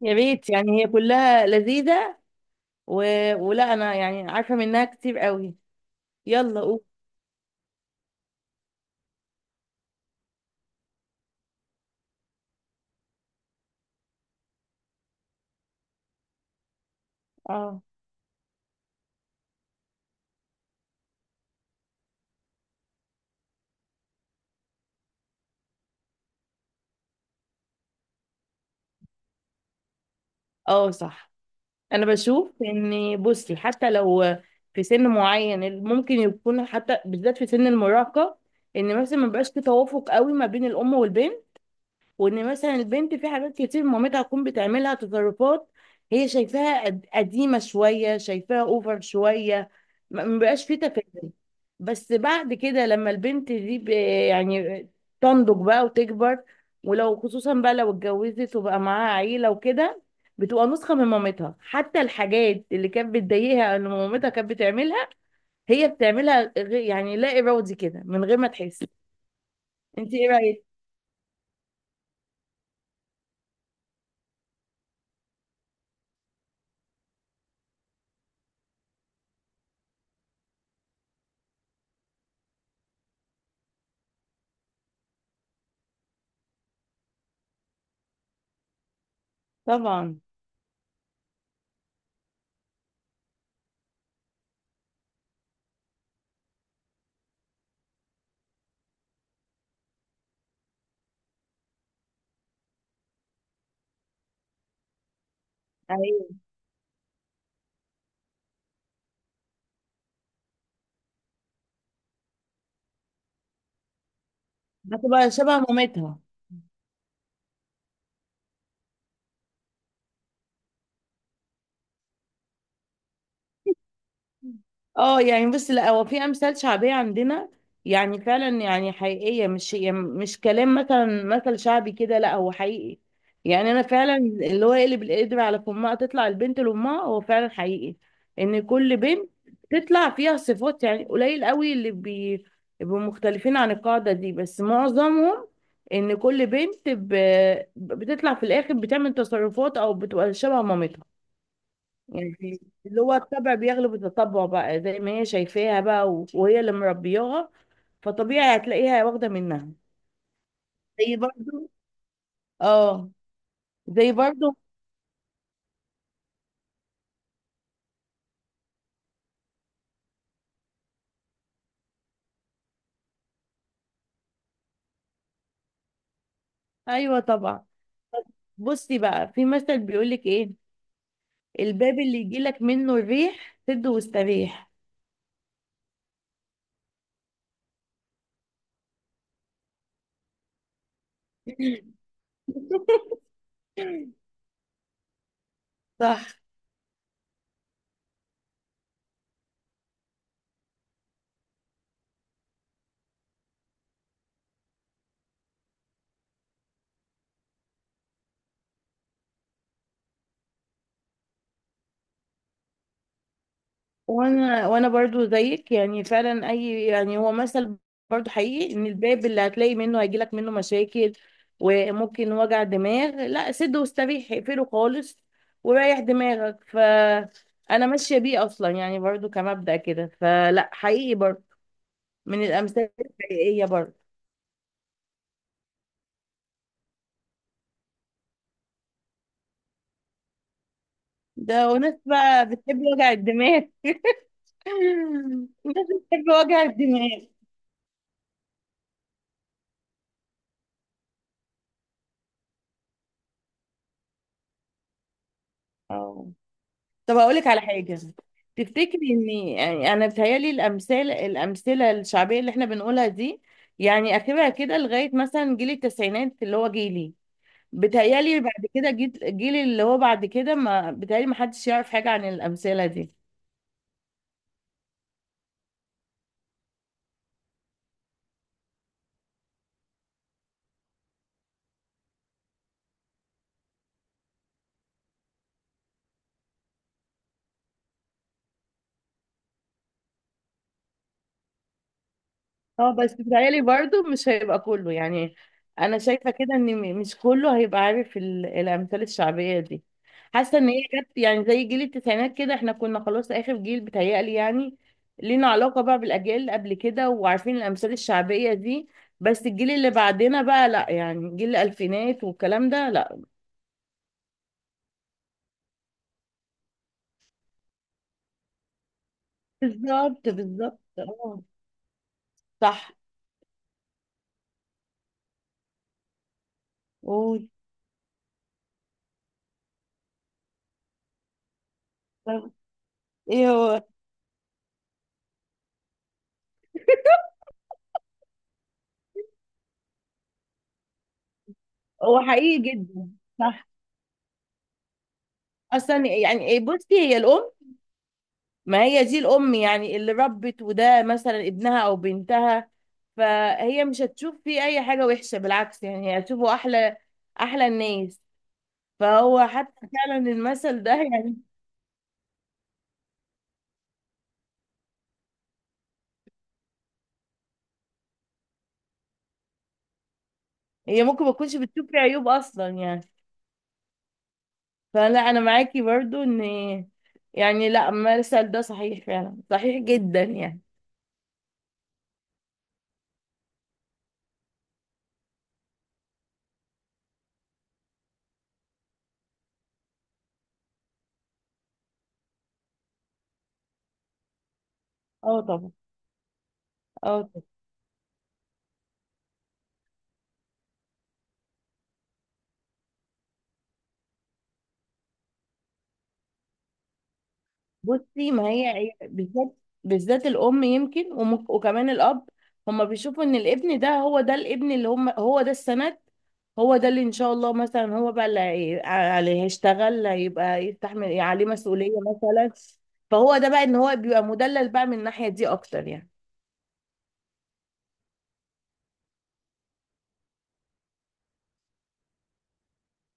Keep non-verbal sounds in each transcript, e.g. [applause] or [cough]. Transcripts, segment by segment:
يا ريت، يعني هي كلها لذيذة. و... ولا انا يعني عارفة منها كتير قوي. يلا قول. اه، اه، صح. انا بشوف ان، بصي، حتى لو في سن معين ممكن يكون، حتى بالذات في سن المراهقة، ان مثلا ما بقاش في توافق قوي ما بين الام والبنت، وان مثلا البنت في حاجات كتير مامتها تكون بتعملها تصرفات هي شايفاها قديمه شويه، شايفاها اوفر شويه، ما بيبقاش في تفاهم. بس بعد كده لما البنت دي يعني تنضج بقى وتكبر، ولو خصوصا بقى لو اتجوزت وبقى معاها عيله وكده، بتبقى نسخه من مامتها. حتى الحاجات اللي كانت بتضايقها ان مامتها كانت بتعملها، هي بتعملها، يعني لا ارادي كده من غير ما تحس. انت ايه رايك؟ طبعا. أيوه. هتبقى شبه مامتها. اه، يعني بس لا، هو في امثال شعبيه عندنا يعني فعلا يعني حقيقيه، مش يعني مش كلام مثلا مثل شعبي كده، لا هو حقيقي. يعني انا فعلا اللي هو يقلب القدر على فمها تطلع البنت لامها، هو فعلا حقيقي. ان كل بنت تطلع فيها صفات، يعني قليل قوي اللي بيبقوا مختلفين عن القاعده دي، بس معظمهم، ان كل بنت بتطلع في الاخر بتعمل تصرفات او بتبقى شبه مامتها. يعني اللي هو الطبع بيغلب التطبع بقى، زي ما هي شايفاها بقى، وهي اللي مربياها، فطبيعي هتلاقيها واخدة منها. زي برضو. اه. زي برضو. ايوه، طبعا. بصي بقى، في مثل بيقولك ايه، الباب اللي يجيلك منه الريح سد واستريح. [laughs] صح. وانا برضو زيك، يعني فعلا اي، يعني هو مثل برضو حقيقي، ان الباب اللي هتلاقي منه هيجيلك منه مشاكل وممكن وجع دماغ، لا سد واستريح اقفله خالص وريح دماغك. فانا ماشيه بيه اصلا، يعني برضو كمبدأ كده، فلا حقيقي برضو، من الامثال الحقيقيه برضو. ده وناس بقى بتحب وجع الدماغ [laughs] ناس بتحب وجع الدماغ. اه، طب هقول لك على حاجه. تفتكري ان، يعني انا بتهيالي الامثله الشعبيه اللي احنا بنقولها دي، يعني اخرها كده لغايه مثلا جيل التسعينات اللي هو جيلي. بتهيالي بعد كده جيل اللي هو بعد كده، ما بتهيالي ما حدش يعرف حاجه عن الامثله دي. اه، بس بتهيألي برضو مش هيبقى كله يعني. انا شايفه كده ان مش كله هيبقى عارف الامثال الشعبيه دي. حاسه ان هي جت يعني، زي جيل التسعينات كده، احنا كنا خلاص اخر جيل بتهيألي، يعني لينا علاقه بقى بالاجيال اللي قبل كده وعارفين الامثال الشعبيه دي. بس الجيل اللي بعدنا بقى لا، يعني جيل الالفينات والكلام ده لا. بالظبط، بالظبط، اه. صح. قول. طب ايه هو. هو حقيقي جدا. صح. اصلا يعني إيه، بصي هي الام، ما هي دي الأم يعني اللي ربت، وده مثلا ابنها أو بنتها، فهي مش هتشوف فيه أي حاجة وحشة. بالعكس، يعني هي هتشوفه أحلى، أحلى الناس. فهو حتى فعلا المثل ده يعني. هي ممكن ما تكونش بتشوف فيه عيوب أصلا يعني. فلا، أنا معاكي برضو إن، يعني لا المثل ده صحيح، فعلا صحيح جدا يعني. اه، طبعا. اه، بصي ما هي هي بالذات، بالذات الام يمكن، وكمان الاب، هما بيشوفوا ان الابن ده، هو ده الابن اللي هم هو ده السند، هو ده اللي ان شاء الله مثلا هو بقى اللي اللي هيشتغل، هيبقى يستحمل عليه مسؤولية مثلا. فهو ده بقى ان هو بيبقى مدلل بقى من الناحية دي اكتر يعني.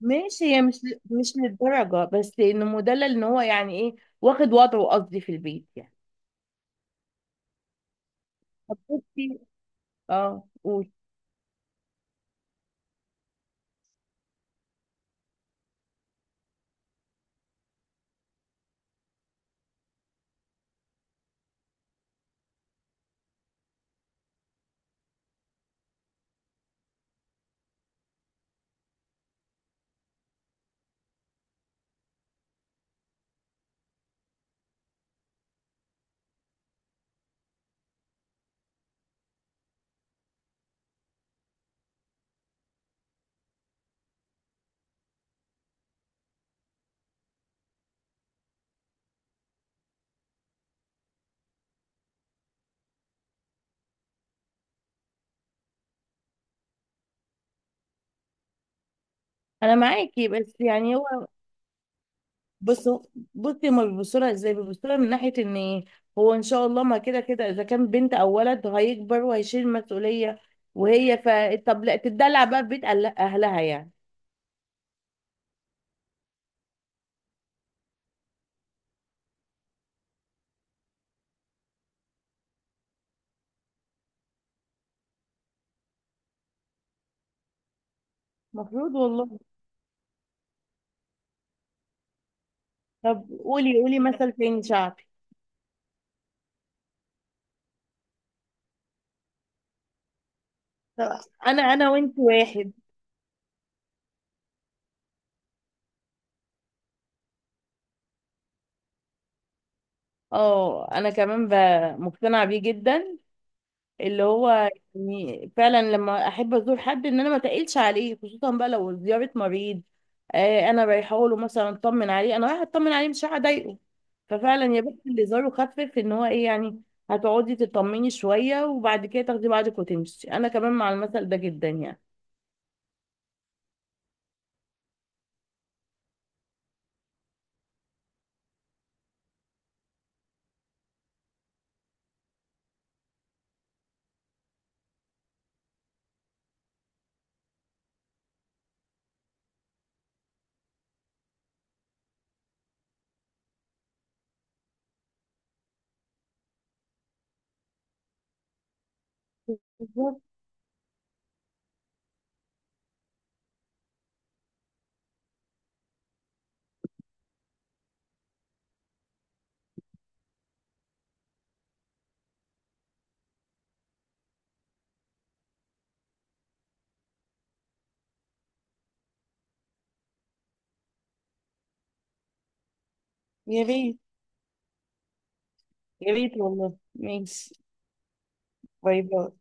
ماشي، هي مش مش للدرجة، بس انه مدلل ان هو يعني ايه، واخد وضعه قصدي في البيت يعني. طب بصي. اه، قولي. انا معاكي بس يعني هو، بصوا بصي هما بيبصوا لها ازاي، بيبصوا لها من ناحيه ان هو ان شاء الله ما كده كده اذا كان بنت او ولد هيكبر وهيشيل مسؤوليه. وهي ف طب لا تدلع بقى في بيت اهلها يعني. المفروض والله. طب قولي قولي مثل تاني شعبي. طب انا وانت واحد. اه، انا كمان مقتنعه بيه جدا، اللي هو يعني فعلا لما احب ازور حد ان انا ما تقلش عليه، خصوصا بقى لو زيارة مريض. آه انا رايحه له مثلا اطمن عليه، انا رايحه اطمن عليه، مش رايحه اضايقه. ففعلا، يا بنت اللي زاره خفف، ان هو ايه يعني، هتقعدي تطمني شويه وبعد كده تاخدي بعضك وتمشي. انا كمان مع المثل ده جدا يعني. بالظبط. يا ريت، يا ريت، والله ماشي. باي باي.